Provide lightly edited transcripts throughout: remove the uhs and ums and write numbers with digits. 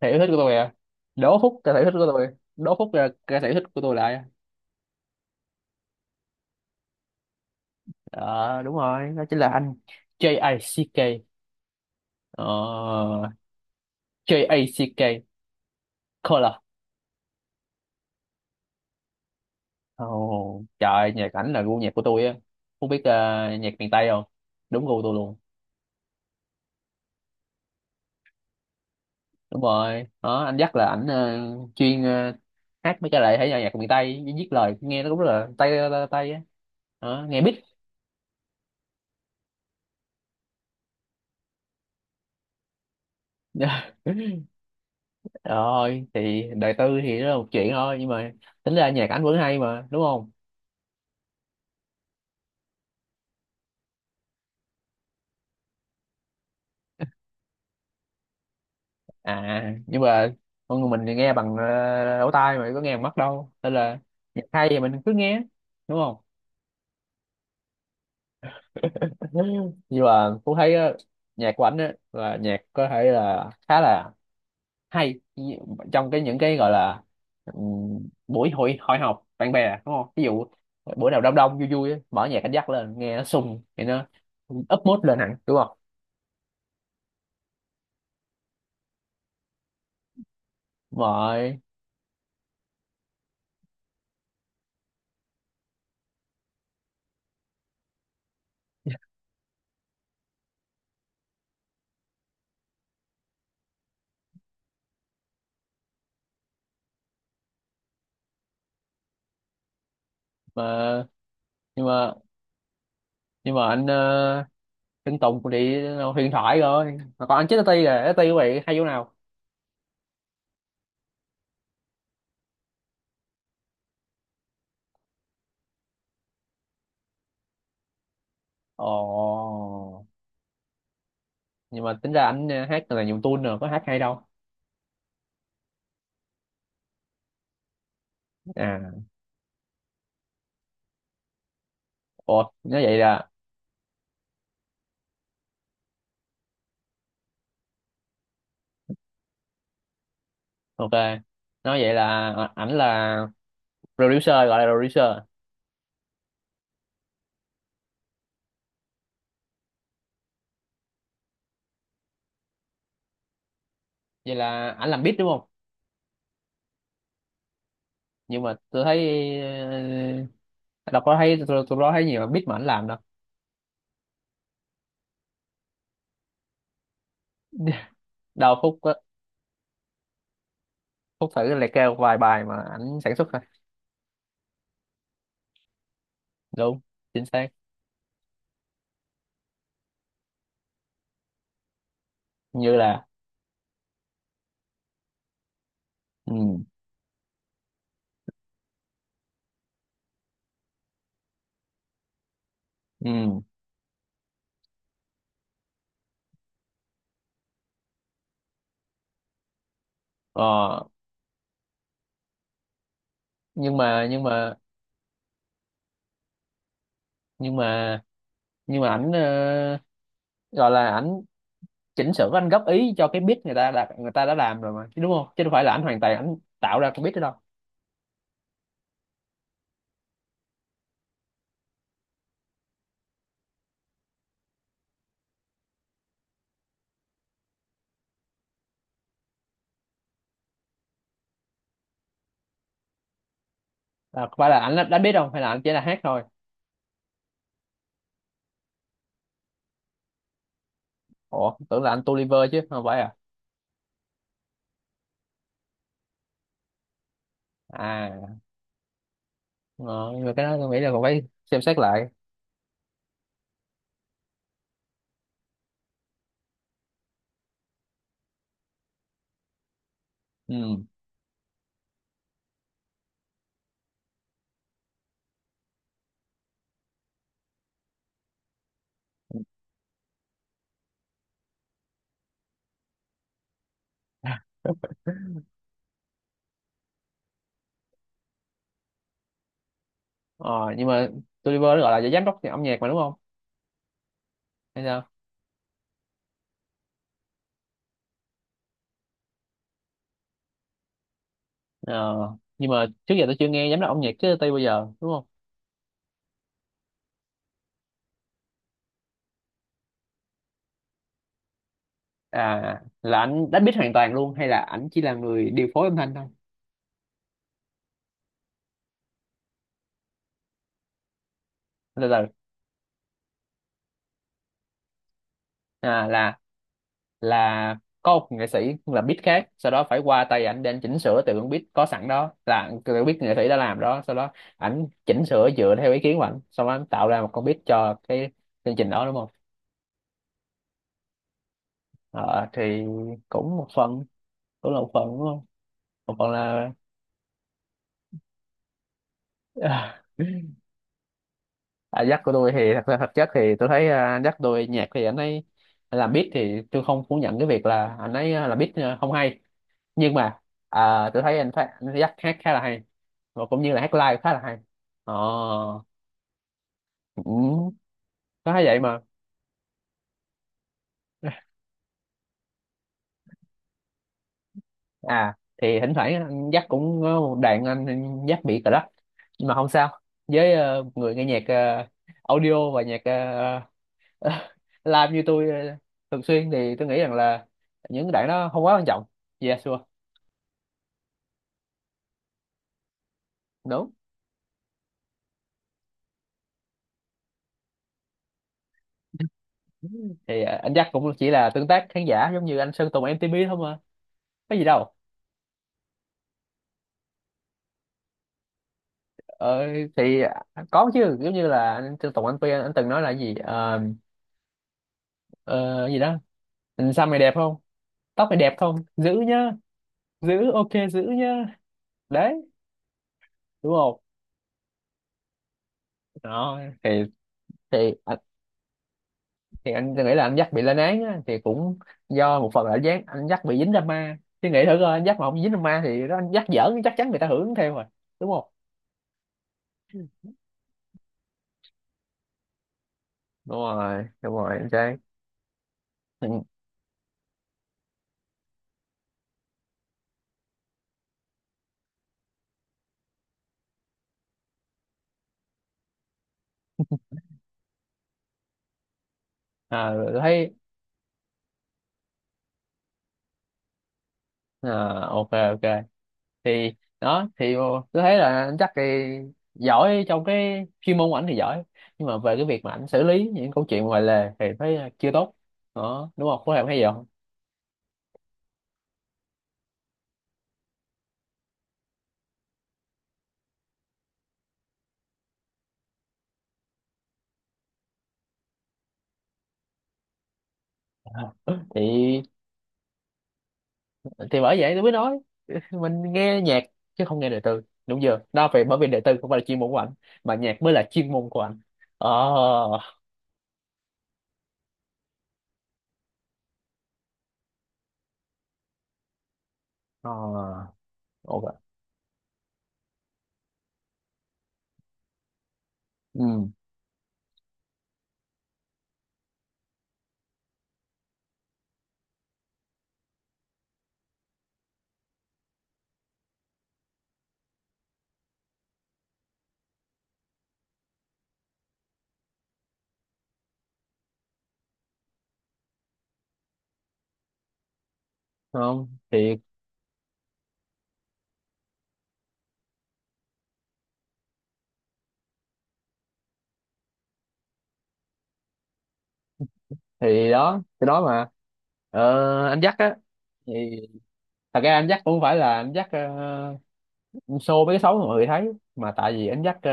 Thể yêu thích của tôi à? Đố Phúc ca sĩ yêu thích của tôi, đố Phúc là ca sĩ yêu thích của tôi lại. Ờ, đúng rồi, đó chính là anh J-A-C-K. ờ, J-A-C-K Color. Ồ trời, nhạc ảnh là gu nhạc của tôi á. Không biết nhạc miền Tây không, đúng gu tôi luôn. Đúng rồi đó, anh dắt là ảnh chuyên hát mấy cái lại thể nhạc miền Tây, viết lời nghe nó cũng rất là Tây, Tây á. Đó, nghe beat. Rồi thì đời tư thì đó là một chuyện thôi, nhưng mà tính ra nhạc ảnh vẫn hay mà, đúng không? À nhưng mà con người mình thì nghe bằng lỗ tai mà có nghe bằng mắt đâu, nên là nhạc hay thì mình cứ nghe, đúng không? Nhưng mà cũng thấy nhạc của ảnh á là nhạc có thể là khá là hay, trong cái những cái gọi là buổi hội hội họp bạn bè, đúng không? Ví dụ bữa nào đông đông vui vui á, mở nhạc anh dắt lên nghe nó sung thì nó up mood lên hẳn, đúng không? Rồi mà. Nhưng mà nhưng mà anh Tùng cũng đi huyền thoại rồi mà, còn anh chết Ti là Ti của bạn hay chỗ nào? Ồ. Nhưng mà tính ra anh hát là nhiều tune rồi có hát hay đâu. À. Ồ, nói vậy là. Ok, nói vậy là ảnh là producer, gọi là producer. Vậy là ảnh làm beat, đúng không? Nhưng mà tôi thấy ờ, đâu có thấy, tôi đó thấy nhiều beat mà ảnh làm đâu. Đâu Phúc á, Phúc thử liệt kê vài bài mà ảnh sản xuất thôi. Đúng, chính xác. Như là. Ừ. Ừ. Ờ. nhưng mà nhưng mà nhưng mà nhưng mà ảnh gọi là ảnh chỉnh sửa, anh góp ý cho cái beat người ta đã làm rồi mà chứ, đúng không? Chứ đâu phải là ảnh hoàn toàn ảnh tạo ra cái beat đó đâu. À, có phải là đã biết đâu, hay là ảnh chỉ là hát thôi? Ủa, tưởng là anh Tolliver chứ không phải à? À, ờ, nhưng mà cái đó tôi nghĩ là còn phải xem xét lại. Ừ. Ờ. Nhưng mà Tolliver nó gọi là giám đốc âm nhạc mà, đúng không? Hay sao? Ờ, nhưng mà trước giờ tôi chưa nghe giám đốc âm nhạc chứ tây bây giờ, đúng không? À, là anh đánh biết hoàn toàn luôn hay là ảnh chỉ là người điều phối âm thanh thôi? Từ từ. À, là. Là có một nghệ sĩ là beat khác, sau đó phải qua tay ảnh để anh chỉnh sửa từ con beat có sẵn đó, là từ beat nghệ sĩ đã làm đó, sau đó ảnh chỉnh sửa dựa theo ý kiến của ảnh, xong anh tạo ra một con beat cho cái chương trình đó, đúng không? Ờ, thì cũng một phần, cũng là một phần đúng không, một phần. Là à, Jack của tôi thì thật ra thật chất thì tôi thấy à, Jack tôi nhạc thì anh ấy làm beat thì tôi không phủ nhận cái việc là anh ấy làm beat không hay. Nhưng mà à, tôi thấy anh phát anh Jack hát khá là hay, và cũng như là hát live khá là hay. Ờ, cũng có thấy vậy mà. À, thì thỉnh thoảng anh Jack cũng có một đoạn anh Jack bị cờ lắc, nhưng mà không sao. Với người nghe nhạc audio và nhạc làm như tôi thường xuyên thì tôi nghĩ rằng là những đoạn đó không quá quan trọng. Yeah sure. Đúng. Thì anh Jack cũng chỉ là tương tác khán giả giống như anh Sơn Tùng MTP thôi mà, có gì đâu? Ờ, thì à, có chứ, giống như là anh Sơn Tùng, anh Phi, anh từng nói là gì ờ, gì đó, anh xăm mày đẹp không, tóc mày đẹp không, giữ nhá, giữ ok, giữ nhá, đấy, đúng không? Đó thì. Thì à. Thì anh nghĩ là anh dắt bị lên án á, thì cũng do một phần là anh dắt bị dính drama. Chứ nghĩ thử coi, anh dắt mà không dính drama thì nó, anh dắt giỡn chắc chắn người ta hưởng theo rồi, đúng không? Đúng rồi đúng rồi anh trai. Ừ. À, tôi thấy. À, ok ok. Thì đó, thì tôi thấy là anh chắc thì giỏi trong cái chuyên môn của ảnh thì giỏi, nhưng mà về cái việc mà ảnh xử lý những câu chuyện ngoài lề thì thấy chưa tốt. Đó đúng không, có em thấy gì không? Thì. Thì bởi vậy tôi mới nói mình nghe nhạc chứ không nghe đời tư, đúng chưa? Đó phải, bởi vì đời tư không phải là chuyên môn của anh, mà nhạc mới là chuyên môn của anh. Ờ. Ờ. Ok. Ừ. Không thì. Thì đó, thì đó mà. Ờ, anh dắt á thì thật ra anh dắt cũng không phải là anh dắt show mấy cái xấu mà mọi người thấy, mà tại vì anh dắt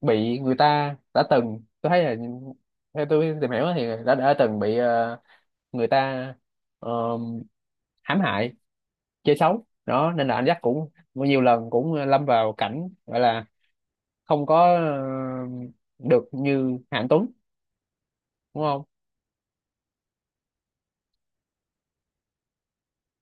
bị người ta, đã từng tôi thấy là theo tôi tìm hiểu thì đã từng bị người ta ờ, hãm hại, chơi xấu đó, nên là anh dắt cũng nhiều lần cũng lâm vào cảnh gọi là không có được như Hạnh Tuấn, đúng không?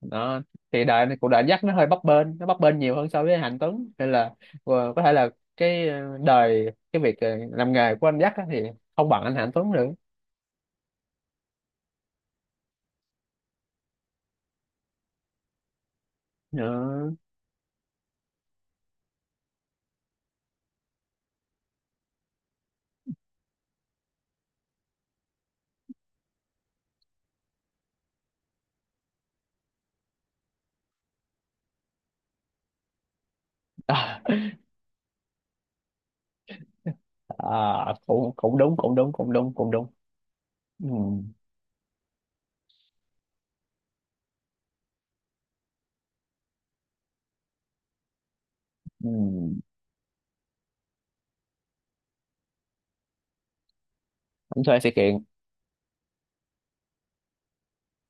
Đó thì đời này, cuộc đời anh dắt nó hơi bấp bênh, nó bấp bênh nhiều hơn so với Hạnh Tuấn, nên là có thể là cái đời cái việc làm nghề của anh dắt á thì không bằng anh Hạnh Tuấn được. Đó. À. À, cũng cũng đúng, cũng đúng, cũng đúng, cũng đúng. Ừ. Ừ. Anh thuê sự kiện.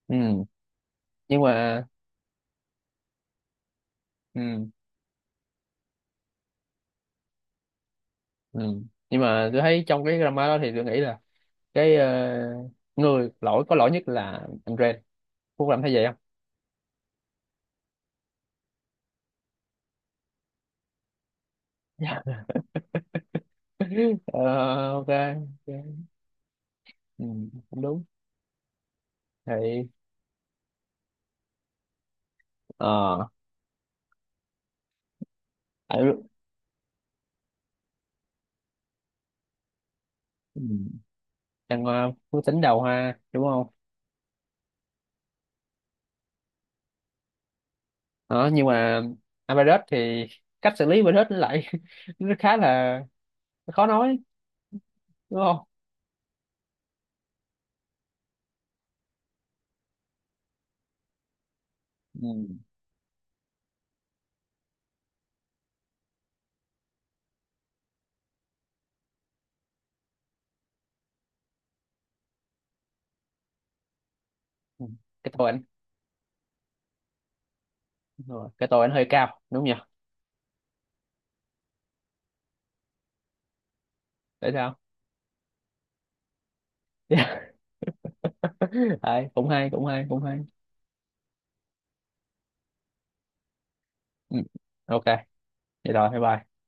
Ừ. Nhưng mà. Ừ. Ừ. Nhưng mà tôi thấy trong cái drama đó thì tôi nghĩ là cái người lỗi, có lỗi nhất là anh Ren. Phúc làm thấy vậy không? Dạ. Ờ, ok, ok. Ừ, cũng đúng. Thì. Ờ. Phải. Ừ, đang phú tính đầu ha, đúng không? Đó, nhưng mà Average thì cách xử lý Average nó lại nó khá là khó nói, đúng không? Ừ. Ừ. Cái tôi anh, đúng rồi, cái tôi anh hơi cao, đúng nhỉ? Tại sao? Đấy, cũng hay, cũng hay, cũng hay. Ừ, ok, vậy rồi bye bye.